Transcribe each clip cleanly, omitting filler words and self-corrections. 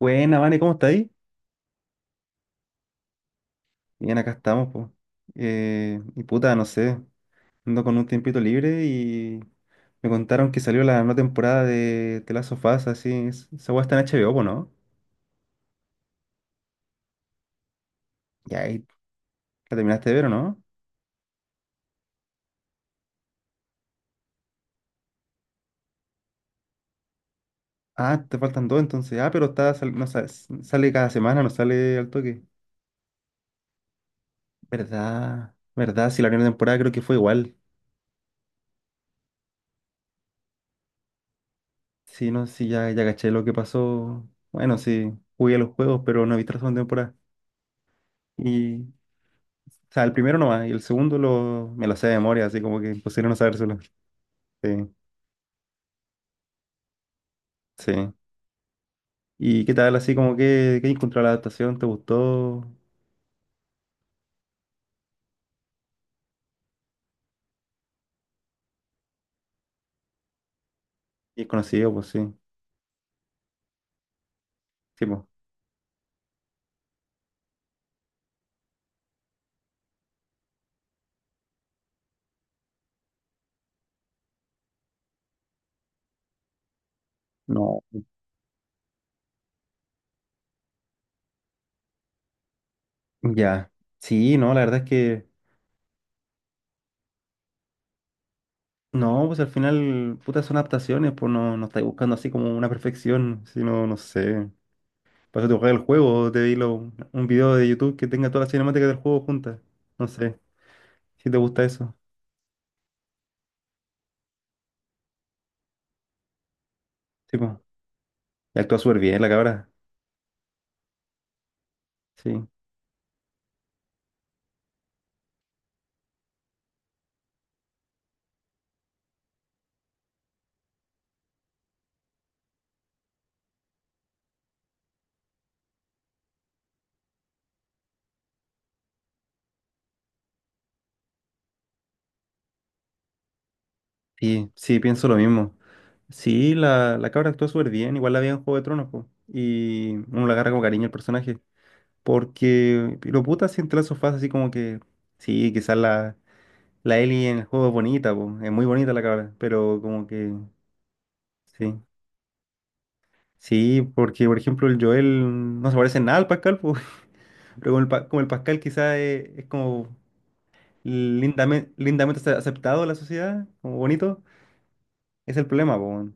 Buena, Vane, ¿cómo estáis? Bien, acá estamos, pues y puta, no sé, ando con un tiempito libre y me contaron que salió la nueva temporada de The Last of Us, así, esa weá está en HBO, po, ¿no? Y ahí la terminaste de ver, ¿o no? Ah, te faltan dos entonces. Ah, pero está, sal- no, sa- sale cada semana, no sale al toque. ¿Verdad? ¿Verdad? Sí, la primera temporada creo que fue igual. Sí, no, sí, ya caché lo que pasó. Bueno, sí, jugué a los juegos, pero no he visto la segunda temporada. O sea, el primero nomás, y el segundo me lo sé de memoria, así como que imposible no sabérselo. Sí, sí. ¿Y qué tal, así como que, qué encontró la adaptación? ¿Te gustó? ¿Y es conocido? Pues sí, sí, pues. No. Ya. Sí, no, la verdad es que, no, pues al final, puta, son adaptaciones, pues no estáis buscando así como una perfección, sino, no sé. Para eso te jugar el juego, te vi un video de YouTube que tenga todas las cinemáticas del juego juntas. No sé, si te gusta eso. Sí, pues. Y actúa súper bien la cabra. Sí. Sí, sí, pienso lo mismo. Sí, la cabra actuó súper bien, igual la vi en Juego de Tronos, po, y uno le agarra con cariño al personaje, porque lo puta si entre esos fases así como que, sí, la Ellie en el juego es bonita, po, es muy bonita la cabra, pero como que, sí, sí, porque por ejemplo el Joel no se parece en nada al Pascal, po, pero como como el Pascal quizás es como lindamente, aceptado en la sociedad, como bonito, es el problema, po.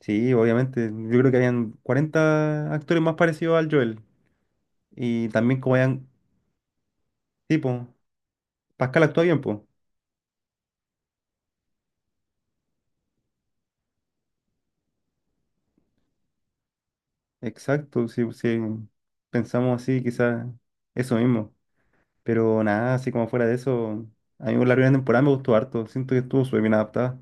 Sí, obviamente. Yo creo que habían 40 actores más parecidos al Joel. Y también como hayan... tipo, Pascal actúa bien, pues. Exacto, si pensamos así, quizás eso mismo. Pero nada, así como fuera de eso, a mí la primera temporada me gustó harto. Siento que estuvo súper bien adaptada.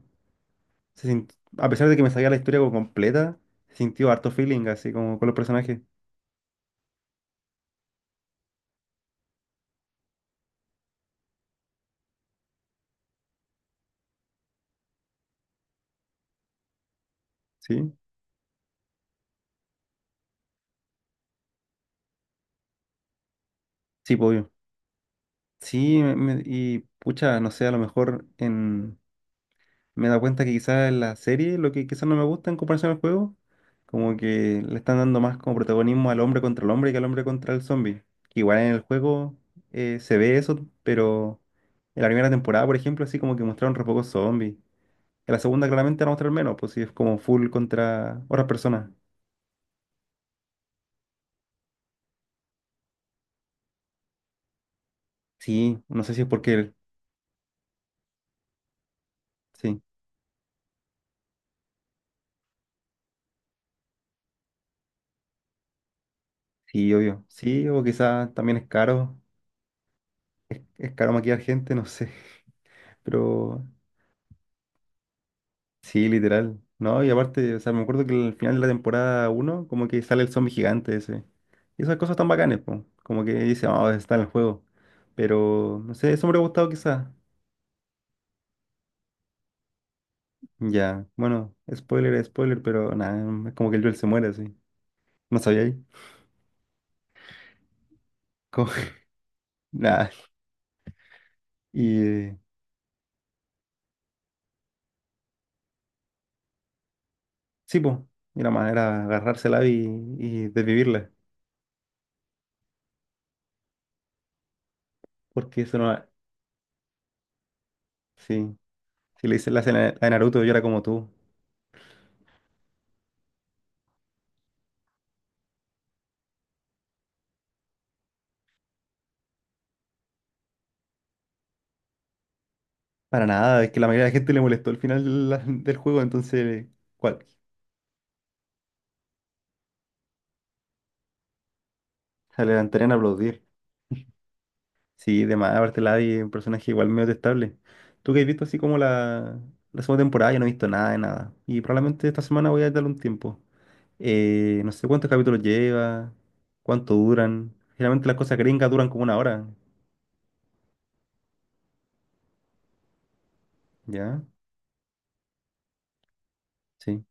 A pesar de que me sabía la historia como completa, se sintió harto feeling, así como con los personajes. Sí, sí, pues, obvio. Sí, y pucha, no sé, a lo mejor en... Me he dado cuenta que quizás en la serie, lo que quizás no me gusta en comparación al juego, como que le están dando más como protagonismo al hombre contra el hombre que al hombre contra el zombie. Que igual en el juego se ve eso, pero en la primera temporada, por ejemplo, así como que mostraron re pocos zombies. En la segunda claramente van a mostrar menos, pues si es como full contra otras personas. Sí, no sé si es porque él. Sí, sí, obvio. Sí, o quizás también es caro. Es caro maquillar gente, no sé. Pero sí, literal. No, y aparte, o sea, me acuerdo que al final de la temporada uno como que sale el zombie gigante ese. Y esas cosas tan bacanes, po. Como que dice, vamos, está en el juego. Pero, no sé, eso me hubiera gustado quizás. Ya, bueno, spoiler, spoiler, pero nada, es como que el Joel se muere así. No sabía ahí. Como... Nada. Y sí, pues, era más, era agarrársela y desvivirla. Porque eso no. Sí, si le hice la escena a Naruto, yo era como tú. Para nada, es que la mayoría de la gente le molestó el final del juego, entonces, ¿cuál? Se levantarían a aplaudir. Sí, de más, aparte Lavi es un personaje igual medio detestable. Tú que has visto así como la segunda temporada, yo no he visto nada de nada. Y probablemente esta semana voy a darle un tiempo. No sé cuántos capítulos lleva, cuánto duran. Generalmente las cosas gringas duran como una hora. ¿Ya? Sí.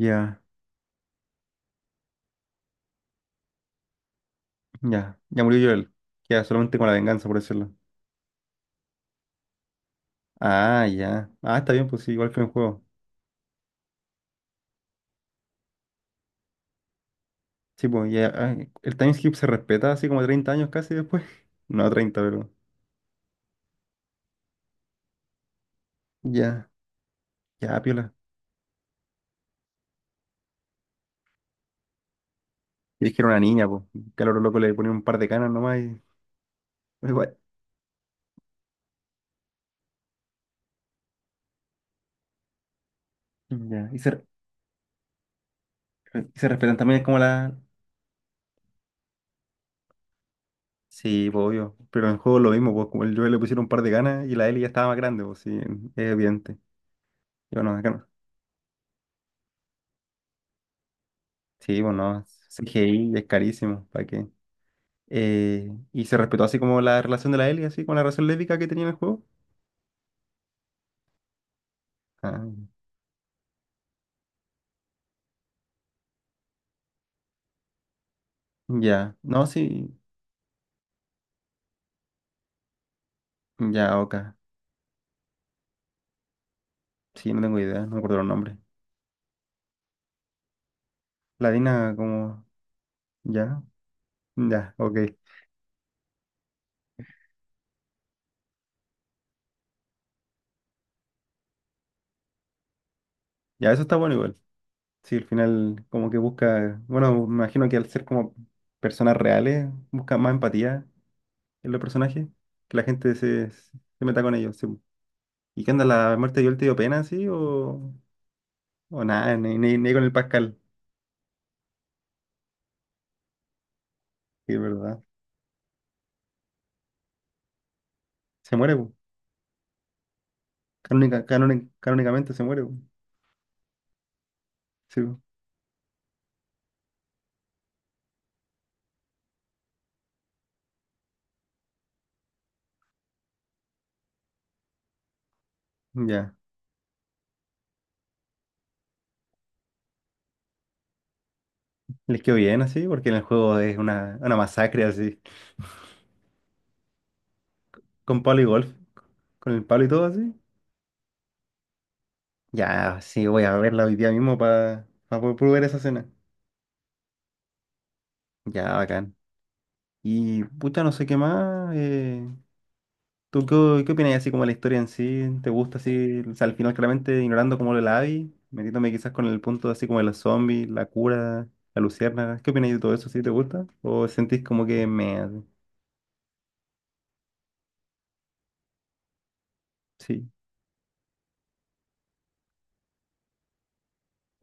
Ya, ya. Ya murió Joel. Queda solamente con la venganza, por decirlo. Ah, ya. Ah, está bien, pues sí, igual que en el juego. Sí, pues ya, ah, el time skip se respeta así como 30 años casi después. No, 30 pero ya, ya, piola. Y es que era una niña, pues. Que a lo loco le ponían un par de canas nomás y pues, igual. Ya, y se respetan también como la... Sí, pues obvio. Pero en el juego lo mismo, pues como el Joel le pusieron un par de canas y la Ellie ya estaba más grande, pues sí, es evidente. Y bueno, acá no. Sí, pues no, CGI es carísimo, ¿para qué? Y se respetó así como la relación de la Ellie, así con la relación lésbica que tenía en el juego. Ah, ya, no, sí. Ya, ok. Sí, no tengo idea, no me acuerdo los nombres. Ladina, como. Ya, ya, ok. Ya, eso está bueno igual. Sí, al final, como que busca. Bueno, me imagino que al ser como personas reales, busca más empatía en los personajes, que la gente se meta con ellos. Sí. ¿Y qué onda? ¿La muerte de Joel te dio pena, sí? O nada? Ni con el Pascal. Sí, es verdad. Se muere, po. Canónicamente se muere, po. Sí, po. Ya. Les quedó bien así, porque en el juego es una masacre así. Con palo y golf. Con el palo y todo así. Ya, sí, voy a verla hoy día mismo para poder probar esa escena. Ya, bacán. Y puta, no sé qué más. ¿Tú qué, qué opinas así como de la historia en sí? ¿Te gusta así? O sea, al final claramente ignorando como lo de la Abby, metiéndome quizás con el punto así como de los zombies, la cura, la luciérnaga. ¿Qué opinas de todo eso? ¿Sí te gusta? ¿O sentís como que me... hace? Sí.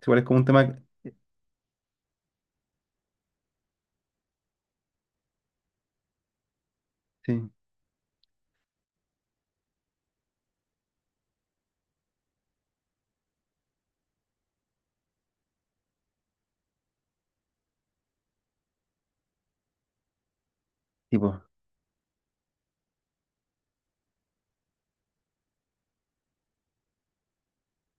Igual es como un tema... que... Sí, tipo.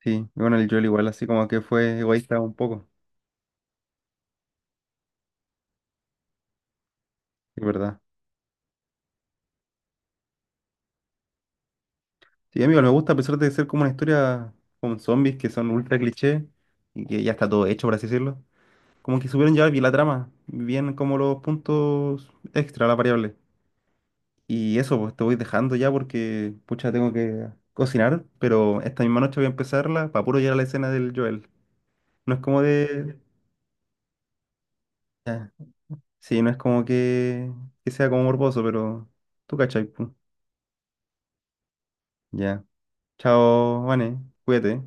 Sí. Bueno, el Joel igual así como que fue egoísta un poco. Es verdad. Sí, amigo, me gusta a pesar de ser como una historia con zombies que son ultra cliché y que ya está todo hecho, por así decirlo. Como que supieron llevar bien la trama, bien como los puntos extra, la variable. Y eso, pues te voy dejando ya porque, pucha, tengo que cocinar, pero esta misma noche voy a empezarla para puro llegar a la escena del Joel. No es como de... Ya. Sí, no es como que sea como morboso, pero tú cachai, pu. Ya. Chao, Vane, cuídate.